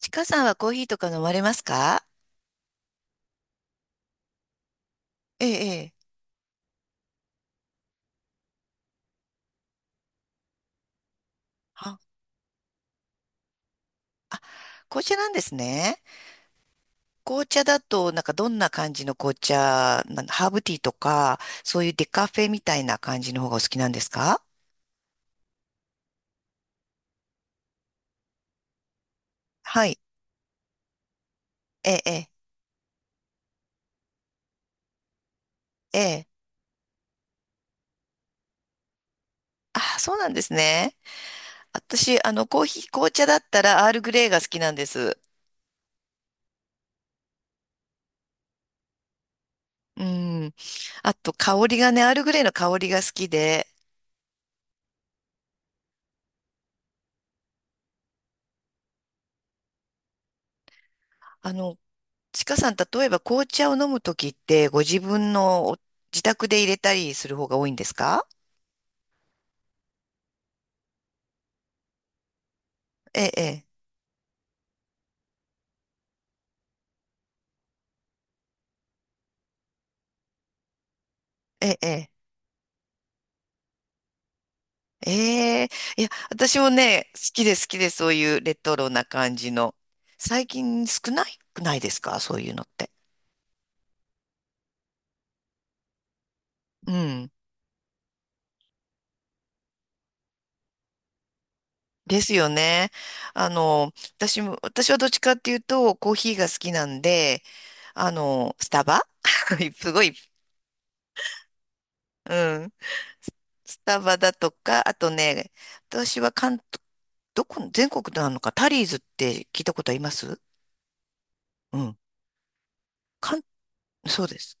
ちかさんはコーヒーとか飲まれますか？ええ、ええ。あ、紅茶なんですね。紅茶だと、どんな感じの紅茶、ハーブティーとか、そういうデカフェみたいな感じの方がお好きなんですか？はい。ええ、ええ、ええ。あ、そうなんですね。私、コーヒー、紅茶だったらアールグレイが好きなんです。うん。あと、香りがね、アールグレイの香りが好きで、あの、ちかさん、例えば紅茶を飲むときって、ご自分のお自宅で入れたりする方が多いんですか？ええ、ええ、ええ。ええ、いや、私もね、好きで好きで、そういうレトロな感じの。最近少ないくないですか、そういうのって。うん。ですよね。私も、私はどっちかっていうと、コーヒーが好きなんで、スタバ すごい、うん。ススタバだとか、あとね、私は関東、どこ、全国なのか、タリーズって聞いたことあります？うん。かん、そうです。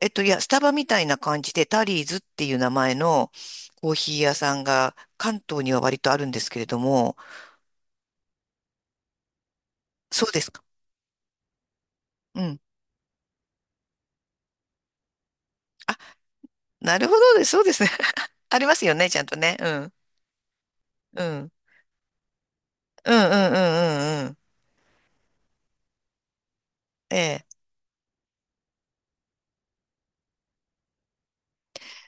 スタバみたいな感じで、タリーズっていう名前のコーヒー屋さんが関東には割とあるんですけれども、そうですか。うん。あ、なるほどです。そうですね。ありますよね、ちゃんとね。うん。うん。うんうんうんうんうん。ええ、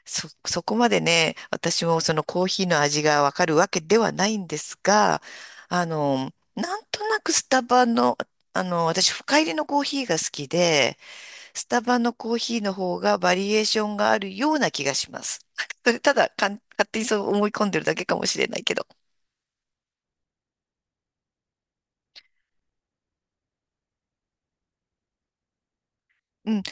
そこまでね、私もそのコーヒーの味がわかるわけではないんですが、なんとなくスタバの、私深入りのコーヒーが好きで、スタバのコーヒーの方がバリエーションがあるような気がします。それただかん、勝手にそう思い込んでるだけかもしれないけど。うん。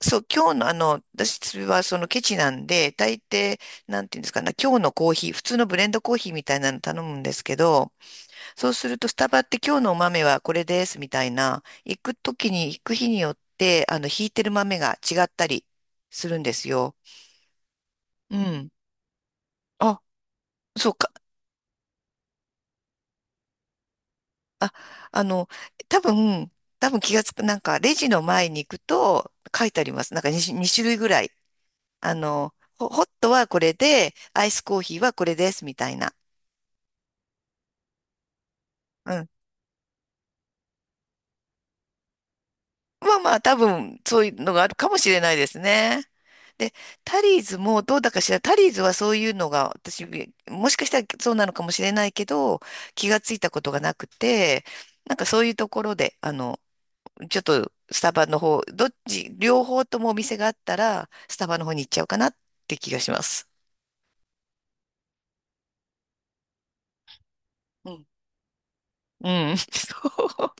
そう、今日の私はそのケチなんで、大抵、なんていうんですかね、今日のコーヒー、普通のブレンドコーヒーみたいなの頼むんですけど、そうすると、スタバって今日のお豆はこれですみたいな、行く日によって、引いてる豆が違ったりするんですよ。うん。あ、そうか。あ、あの、多分、気がつく、なんか、レジの前に行くと書いてあります。なんか2、二種類ぐらい。あの、ホットはこれで、アイスコーヒーはこれですみたいな。まあまあ、多分、そういうのがあるかもしれないですね。で、タリーズもどうだかしら、タリーズはそういうのが、私、もしかしたらそうなのかもしれないけど、気がついたことがなくて、なんかそういうところで、ちょっとスタバの方、どっち、両方ともお店があったら、スタバの方に行っちゃうかなって気がします。うん。うん。そう。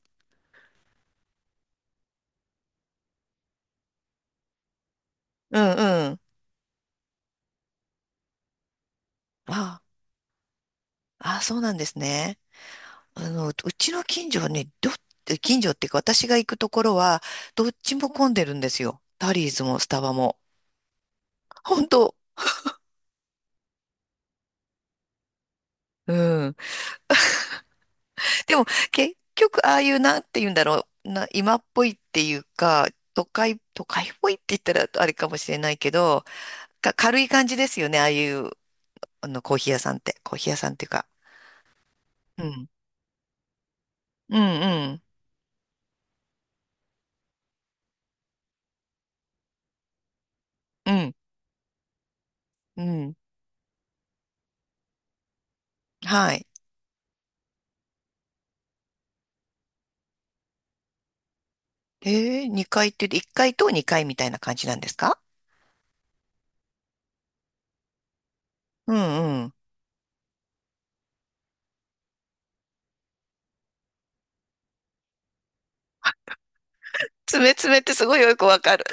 うんうん。ああ、そうなんですね。あの、うちの近所はね、近所っていうか私が行くところは、どっちも混んでるんですよ。タリーズもスタバも。本当。うん。でも、結局、ああいうなんて言うんだろう。今っぽいっていうか、都会っぽいって言ったらあれかもしれないけど、軽い感じですよね。ああいう、あの、コーヒー屋さんって。コーヒー屋さんっていうか。うん。うんうん。うん。うん。はい。えー、階って言って、1階と2階みたいな感じなんですか？うんうん。爪爪ってすごいよくわかる。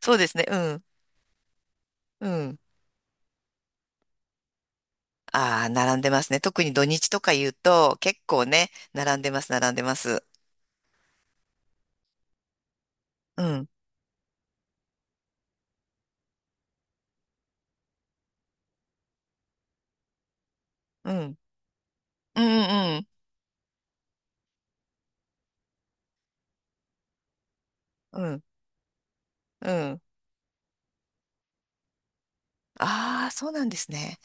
そうですね。うん。うん。ああ、並んでますね。特に土日とか言うと、結構ね、並んでます、並んでます。うん。うん。うん、うん、うん、うん。ああ、そうなんですね。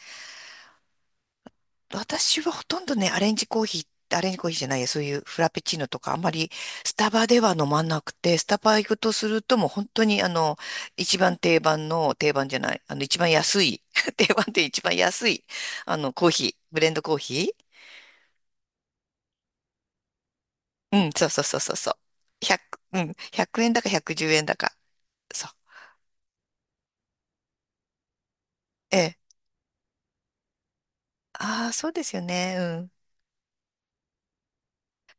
私はほとんどね、アレンジコーヒーじゃないや、そういうフラペチーノとか、あんまりスタバでは飲まなくて、スタバ行くとするともう本当にあの、一番定番の、定番じゃない、あの、一番安い、定番って一番安い、あの、コーヒー、ブレンドコーヒー。うん、そうそうそうそうそう。100、うん、1円だか110円だか。そう。ええ。ああ、そうですよね。うん。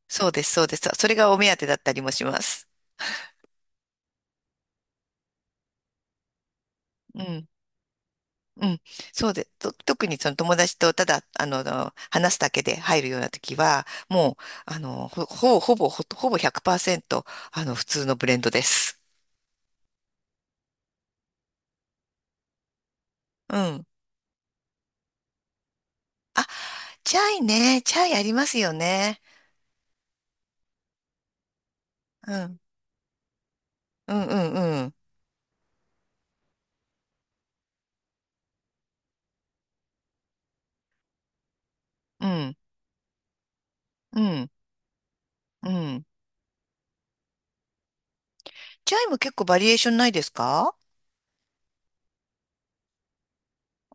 そうです、そうです。それがお目当てだったりもします。うん。うん。そうで、特にその友達とただ、話すだけで入るような時は、もう、あの、ほぼ100%、普通のブレンドです。うん。あ、チャイね。チャイありますよね。うん。うん、うん、うん。うん、うん、うん。チャイも結構バリエーションないですか？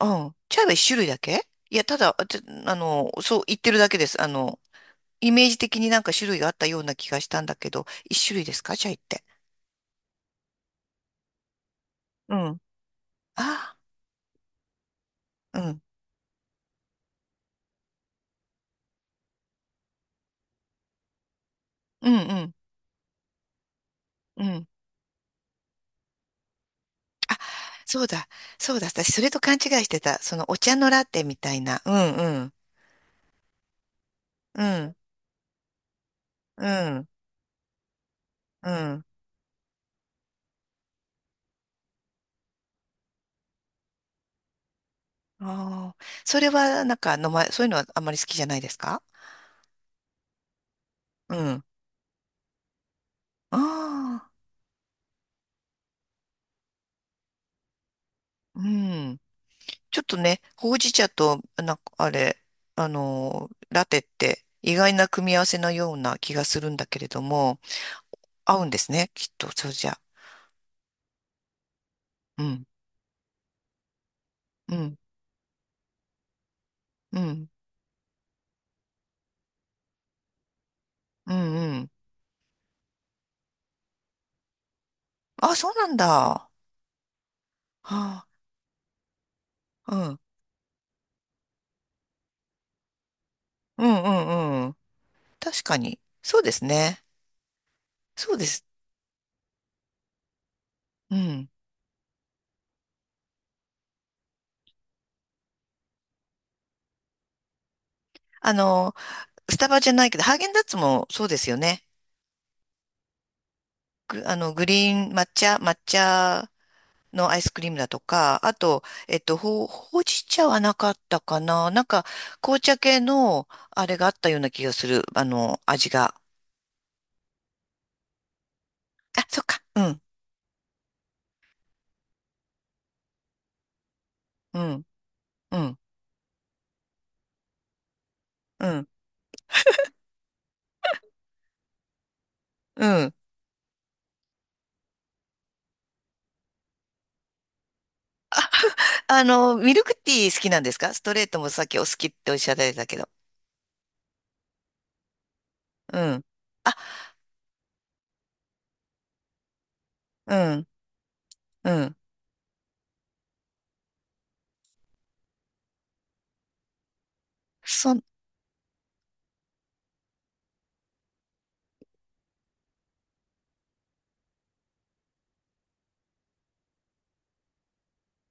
うん。チャイは一種類だけ、いや、ただ、あちょあの、そう言ってるだけです。あの、イメージ的になんか種類があったような気がしたんだけど、一種類ですか、チャイって。うん。ああ、うん。うんうん。うん。そうだ。そうだ。私、それと勘違いしてた。その、お茶のラテみたいな。うんうん。うん。うん。うん。ああ。それは、なんか、そういうのはあんまり好きじゃないですか？うん。ああ。うん。ちょっとね、ほうじ茶と、なんかあれ、あのー、ラテって意外な組み合わせのような気がするんだけれども、合うんですね、きっと、そうじゃ。うん、うん、うん、うん、うん。あ、そうなんだ。はあ、うん、うん、うん、うん。確かに。そうですね。そうです。うん。あの、スタバじゃないけど、ハーゲンダッツもそうですよね。あの、グリーン抹茶、抹茶のアイスクリームだとか、あと、えっと、ほうじ茶はなかったかな、なんか、紅茶系の、あれがあったような気がする。あの、味が。あ、そっか。うん、うん、うん、うん、うん。あの、ミルクティー好きなんですか？ストレートもさっきお好きっておっしゃられたけど。うん、うん、うん。そ、